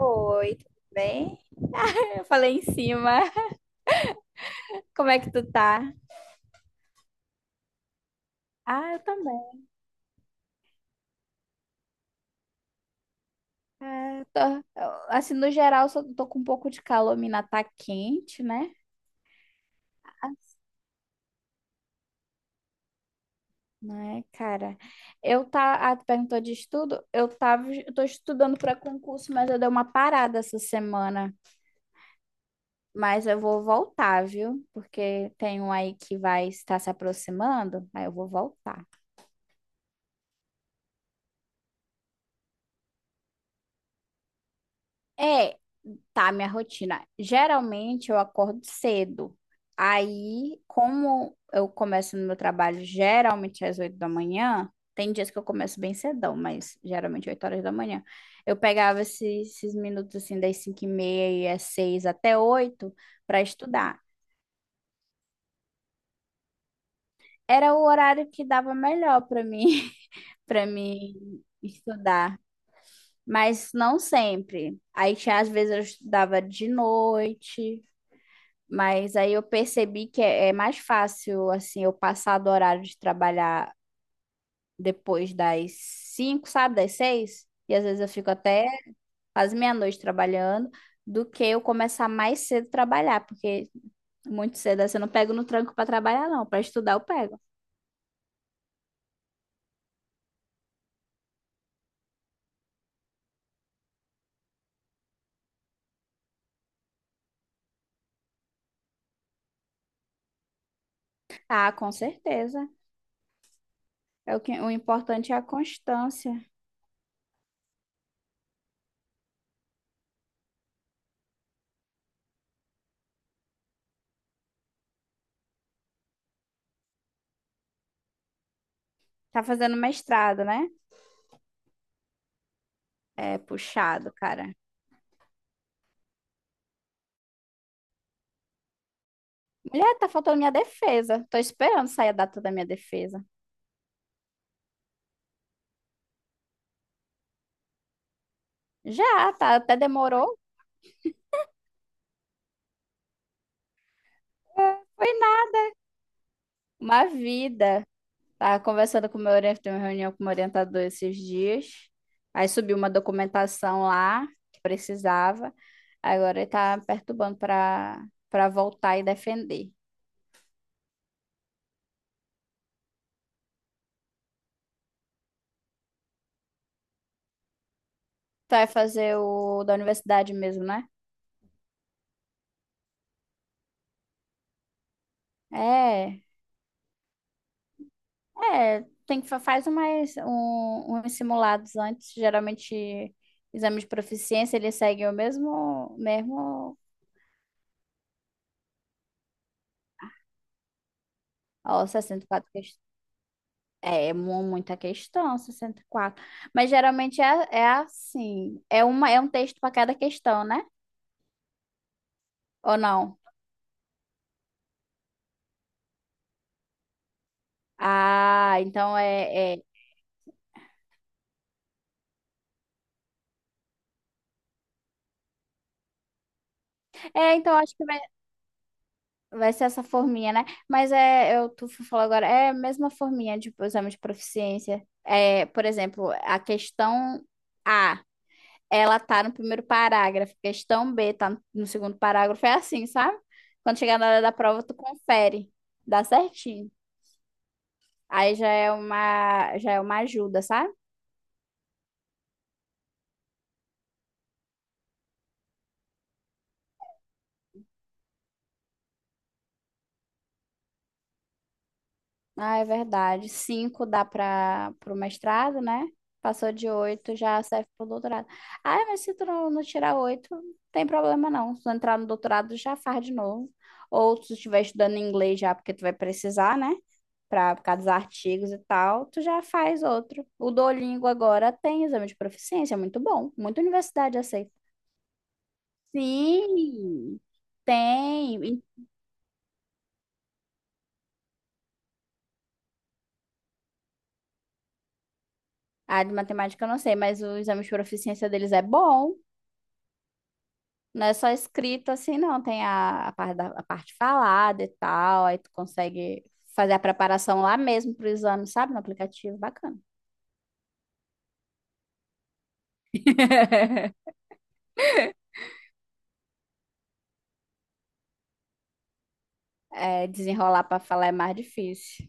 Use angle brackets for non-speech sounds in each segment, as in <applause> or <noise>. Oi, tudo bem? Eu falei em cima. <laughs> Como é que tu tá? Ah, eu também. Ah, tô, assim, no geral, só tô com um pouco de calor, mina tá quente, né? Ah, né, cara? Tu perguntou de estudo? Eu tô estudando para concurso, mas eu dei uma parada essa semana. Mas eu vou voltar, viu? Porque tem um aí que vai estar se aproximando, aí eu vou voltar. É, tá, minha rotina. Geralmente eu acordo cedo. Aí, como eu começo no meu trabalho geralmente às 8 da manhã, tem dias que eu começo bem cedão, mas geralmente 8 horas da manhã. Eu pegava esses minutos assim, das 5h30 e às 6 até 8 para estudar. Era o horário que dava melhor para mim, <laughs> para mim estudar. Mas não sempre. Aí, às vezes, eu estudava de noite. Mas aí eu percebi que é mais fácil, assim, eu passar do horário de trabalhar depois das 5, sabe, das 6. E às vezes eu fico até quase meia-noite trabalhando, do que eu começar mais cedo a trabalhar, porque muito cedo assim, eu não pego no tranco para trabalhar, não. Para estudar eu pego. Ah, com certeza. O importante é a constância. Tá fazendo mestrado, né? É puxado, cara. Mulher, tá faltando minha defesa. Tô esperando sair a data da minha defesa. Já, tá, até demorou. Foi na- uma vida. Tava conversando com o meu orientador, tem uma reunião com o meu orientador esses dias. Aí subiu uma documentação lá que precisava. Agora ele tá me perturbando para voltar e defender. Tu vai fazer o da universidade mesmo, né? É, é, tem que faz uns simulados antes, geralmente exame de proficiência, ele segue o mesmo mesmo, ó, 64. É muita questão, 64. Mas geralmente é assim. É um texto para cada questão, né? Ou não? Ah, então é. É, então acho que vai ser essa forminha, né? Mas é, eu tu falou agora, é a mesma forminha de exame de proficiência. É, por exemplo, a questão A, ela tá no primeiro parágrafo, questão B tá no segundo parágrafo, é assim, sabe? Quando chegar na hora da prova, tu confere. Dá certinho. Aí já é uma ajuda, sabe? Ah, é verdade. Cinco dá para o mestrado, né? Passou de oito, já serve para o doutorado. Ah, mas se tu não tirar oito, tem problema não. Se tu entrar no doutorado, já faz de novo. Ou se tu estiver estudando inglês já, porque tu vai precisar, né? Por causa dos artigos e tal, tu já faz outro. O Duolingo agora tem exame de proficiência, é muito bom. Muita universidade aceita. Sim, tem. A de matemática eu não sei, mas o exame de proficiência deles é bom. Não é só escrito assim, não. Tem a parte falada e tal. Aí tu consegue fazer a preparação lá mesmo pro exame, sabe? No aplicativo, bacana. <laughs> É, desenrolar para falar é mais difícil.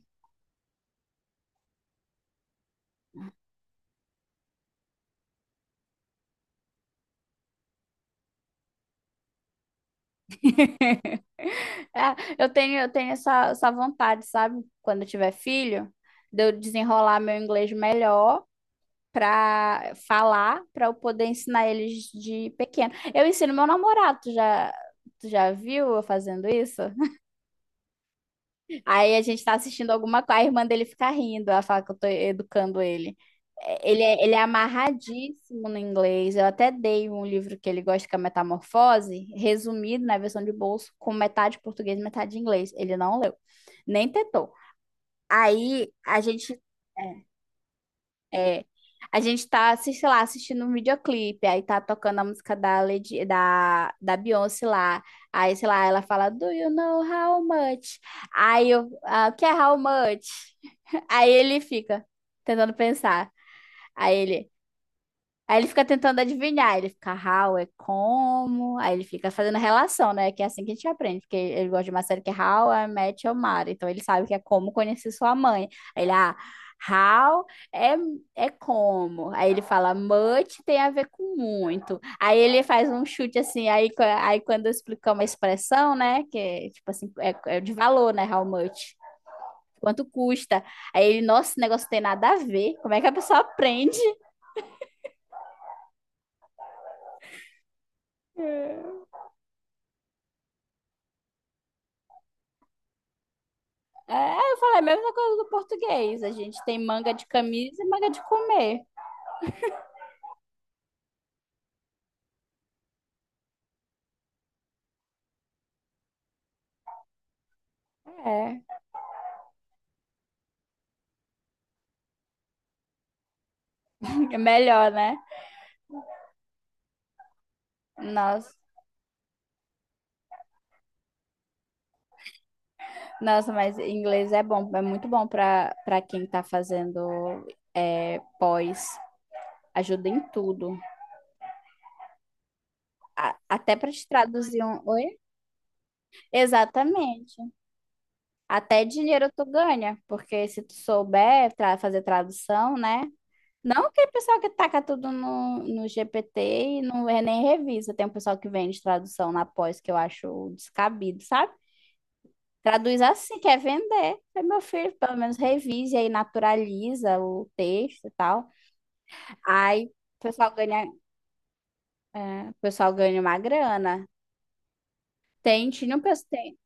É, eu tenho essa vontade, sabe? Quando eu tiver filho, de eu desenrolar meu inglês melhor para falar, para eu poder ensinar eles de pequeno. Eu ensino meu namorado, tu já viu eu fazendo isso? <laughs> Aí a gente tá assistindo alguma coisa, a irmã dele fica rindo, ela fala que eu tô educando ele. É, ele é amarradíssimo no inglês. Eu até dei um livro que ele gosta, que é Metamorfose, resumido na versão de bolso, com metade português e metade inglês. Ele não leu, nem tentou. Aí a gente é, É. A gente tá, sei lá, assistindo um videoclipe, aí tá tocando a música da Beyoncé lá. Aí, sei lá, ela fala, Do you know how much? Aí, o que é how much? <laughs> Aí ele fica tentando pensar. Aí ele, Aí ele fica tentando adivinhar, ele fica how é como, aí ele fica fazendo relação, né? Que é assim que a gente aprende, porque ele gosta de uma série que é How I Met Your Mother, então ele sabe que é como conhecer sua mãe. Aí ele, how é, é como. Aí ele fala much tem a ver com muito. Aí ele faz um chute assim, aí quando eu explicar uma expressão, né? Que é tipo assim, é de valor, né? How much. Quanto custa? Aí ele, nossa, esse negócio não tem nada a ver. Como é que a pessoa aprende? É, eu falei a mesma coisa do português. A gente tem manga de camisa e manga de comer. É, <laughs> é melhor, né? Nossa, nossa, mas inglês é bom, é muito bom para quem tá fazendo pós. Ajuda em tudo. Até para te traduzir um. Oi? Exatamente. Até dinheiro tu ganha, porque se tu souber fazer tradução, né? Não aquele pessoal que taca tudo no GPT e não é nem revisa. Tem um pessoal que vende tradução na pós que eu acho descabido, sabe? Traduz assim, quer vender. Aí, meu filho, pelo menos revise aí, naturaliza o texto e tal. Aí o pessoal ganha uma grana. Tinha um pessoal. Tem,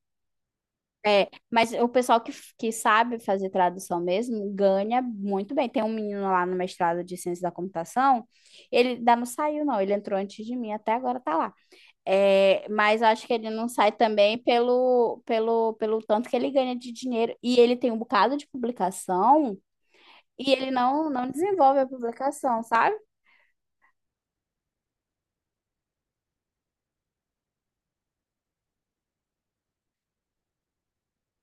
é, mas o pessoal que sabe fazer tradução mesmo ganha muito bem. Tem um menino lá no mestrado de ciência da computação. Ele ainda não saiu, não. Ele entrou antes de mim, até agora tá lá. É, mas eu acho que ele não sai também pelo tanto que ele ganha de dinheiro. E ele tem um bocado de publicação e ele não desenvolve a publicação, sabe?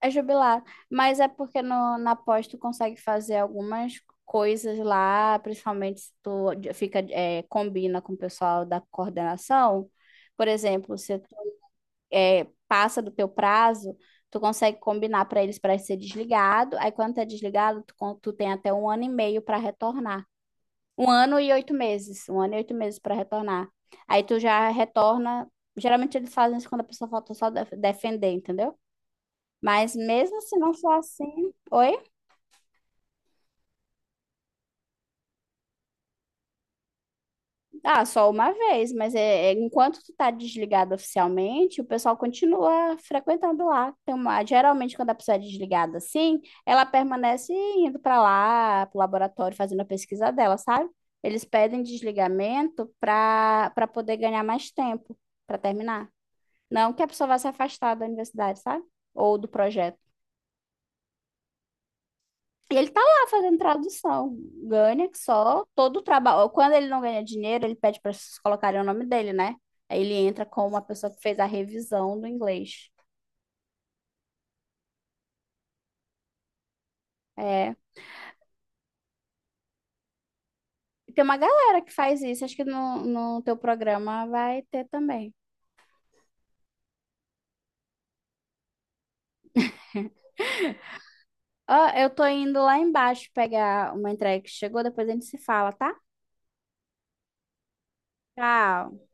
É jubilado. Mas é porque no, na pós tu consegue fazer algumas coisas lá, principalmente se tu combina com o pessoal da coordenação. Por exemplo, se passa do teu prazo, tu consegue combinar para eles para ser desligado. Aí quando tá desligado, tu tem até um ano e meio para retornar. Um ano e 8 meses, um ano e 8 meses para retornar. Aí tu já retorna. Geralmente eles fazem isso quando a pessoa falta só defender, entendeu? Mas mesmo se não for assim, oi? Ah, só uma vez, mas enquanto tu tá desligado oficialmente, o pessoal continua frequentando lá. Geralmente, quando a pessoa é desligada assim, ela permanece indo para lá, pro laboratório, fazendo a pesquisa dela, sabe? Eles pedem desligamento para poder ganhar mais tempo para terminar. Não que a pessoa vá se afastar da universidade, sabe? Ou do projeto. E ele tá lá fazendo tradução. Ganha que só todo o trabalho. Quando ele não ganha dinheiro, ele pede para vocês colocarem o nome dele, né? Aí ele entra como uma pessoa que fez a revisão do inglês. É. E tem uma galera que faz isso. Acho que no teu programa vai ter também. Ó, eu tô indo lá embaixo pegar uma entrega que chegou, depois a gente se fala, tá? Tchau.